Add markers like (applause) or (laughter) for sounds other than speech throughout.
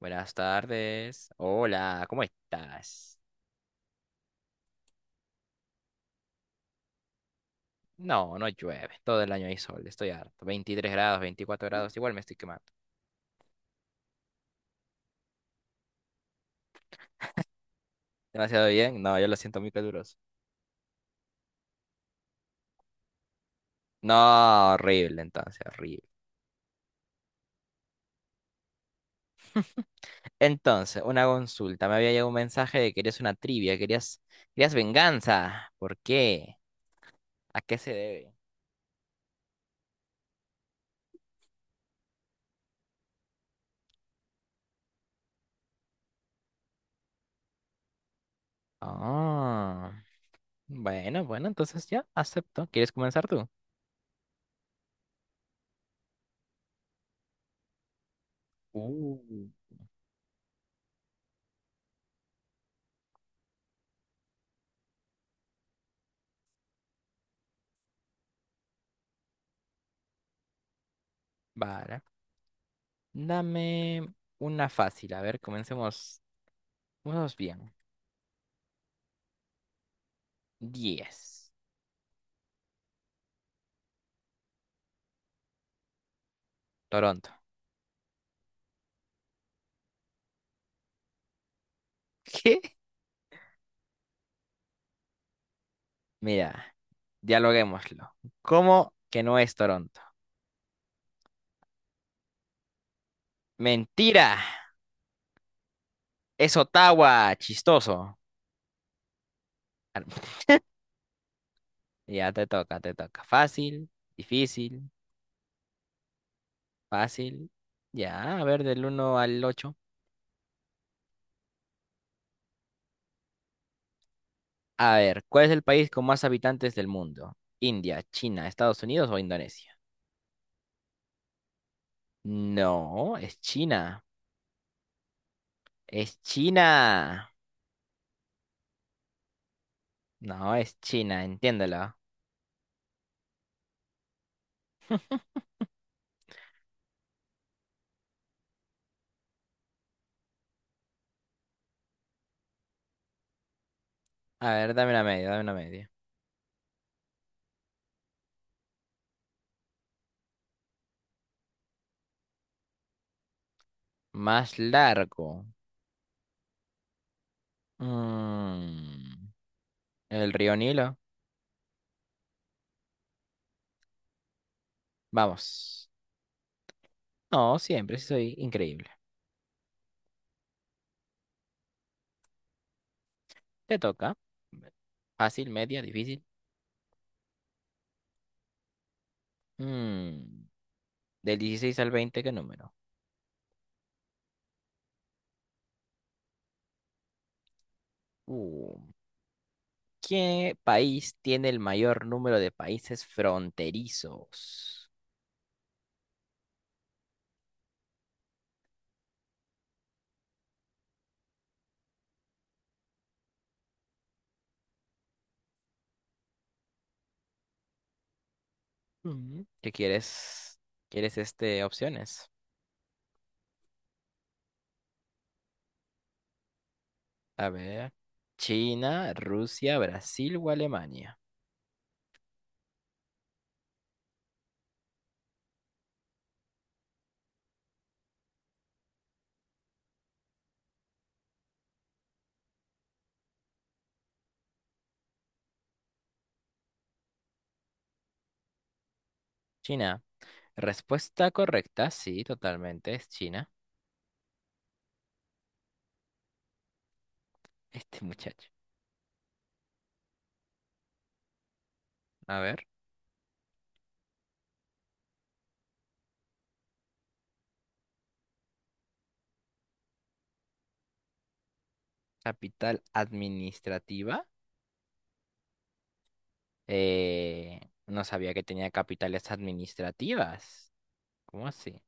Buenas tardes. Hola, ¿cómo estás? No, no llueve. Todo el año hay sol. Estoy harto. 23 grados, 24 grados. Igual me estoy quemando. Demasiado bien. No, yo lo siento muy caluroso. No, horrible. Entonces, una consulta. Me había llegado un mensaje de que querías una trivia, querías venganza. ¿Por qué? ¿A qué se debe? Ah, bueno, bueno, entonces ya acepto. ¿Quieres comenzar tú? Uh. Vale. Dame una fácil. A ver, comencemos. Vamos bien. Diez. Toronto. ¿Qué? Mira, dialoguémoslo. ¿Cómo que no es Toronto? Mentira. Es Ottawa. Chistoso. Ar- (laughs) Ya te toca, te toca. Fácil, difícil, fácil. Ya, a ver, del uno al ocho. A ver, ¿cuál es el país con más habitantes del mundo? ¿India, China, Estados Unidos o Indonesia? No, es China. Es China. No, es China, entiéndelo. A ver, dame una media, dame una media. Más largo. Mm, el río Nilo. Vamos. No, siempre sí soy increíble. Te toca. Fácil, media, difícil. Mm, del 16 al 20, ¿qué número? Uh, ¿Qué país tiene el mayor número de países fronterizos? ¿Qué quieres? ¿Quieres este opciones? A ver. China, Rusia, Brasil o Alemania. China. Respuesta correcta, sí, totalmente, es China. (laughs) Este muchacho. A ver, capital administrativa. Eh, no sabía que tenía capitales administrativas. ¿Cómo así?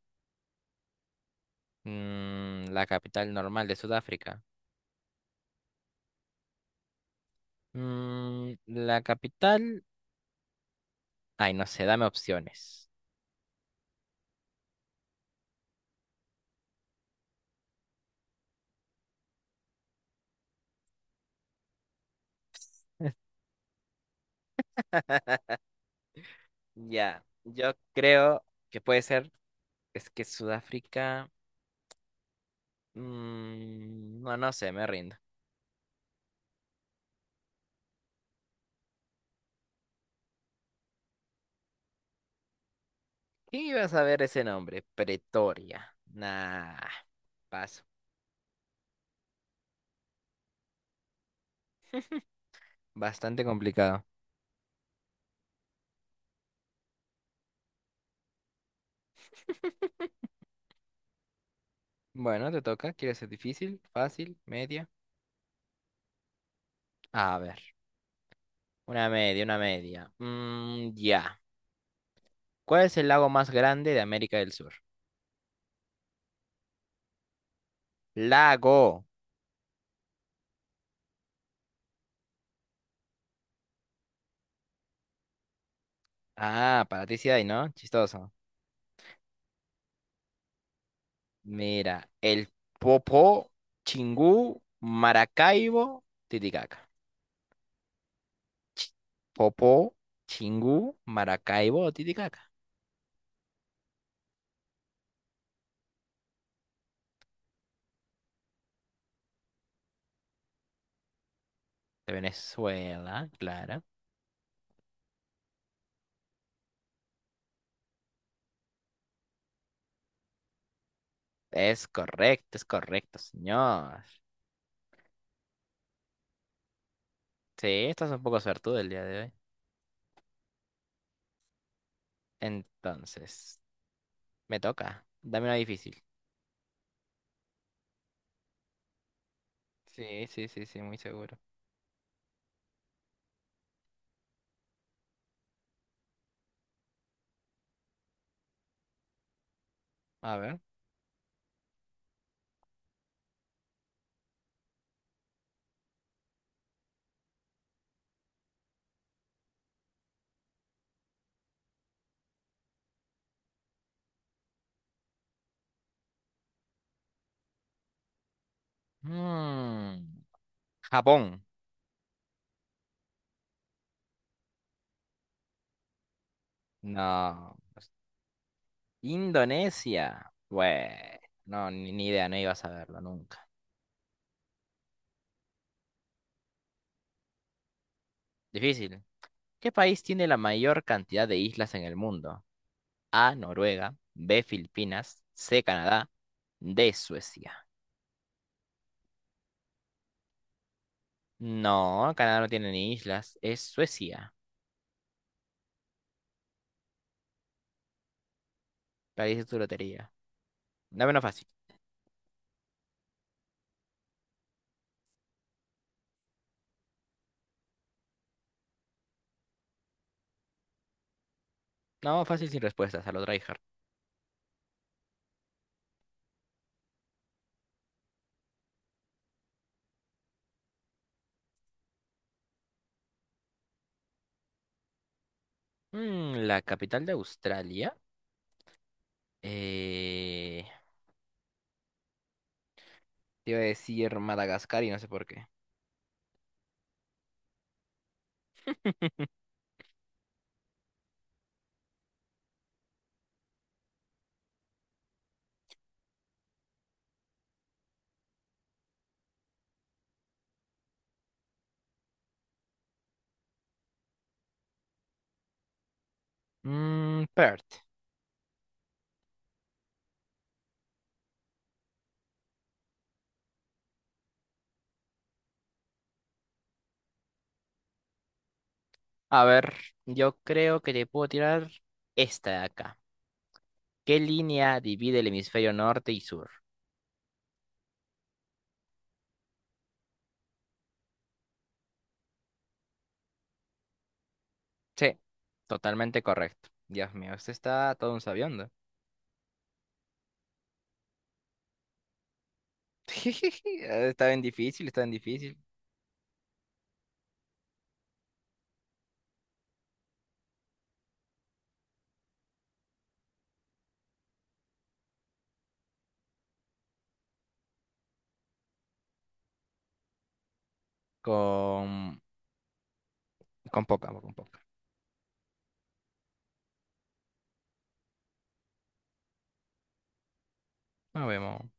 La capital normal de Sudáfrica. La capital. Ay, no sé, dame opciones. (laughs) Ya, yo creo que puede ser. Es que Sudáfrica. No, no sé, me rindo. ¿Quién iba a saber ese nombre? Pretoria. Nah. Paso. Bastante complicado. Bueno, te toca. ¿Quieres ser difícil, fácil, media? A ver. Una media, una media. Ya. ¿Cuál es el lago más grande de América del Sur? Lago. Ah, para ti sí hay, ¿no? Chistoso. Mira, el Popó, Chingú, Maracaibo, Titicaca. Ch- Popó, Chingú, Maracaibo, Titicaca. De Venezuela, claro. Es correcto, señor. Sí, estás un poco suertudo el día de hoy. Entonces, me toca. Dame una difícil. Sí, sí, sí, sí, muy seguro. A ver. Mm, Japón. No, pues, Indonesia. Bueno, no, ni idea, no iba a saberlo nunca. Difícil. ¿Qué país tiene la mayor cantidad de islas en el mundo? A, Noruega; B, Filipinas; C, Canadá; D, Suecia. No, Canadá no tiene ni islas, es Suecia. La dices tu lotería. Dame una fácil. No, fácil sin respuestas, a lo tryhard. La capital de Australia. Eh, te iba a decir Madagascar y no sé por qué. Perth. A ver, yo creo que te puedo tirar esta de acá. ¿Qué línea divide el hemisferio norte y sur? Sí, totalmente correcto. Dios mío, este está todo un sabiendo. (laughs) Está bien difícil, está bien difícil. Con, con poca, con poca. No vemos.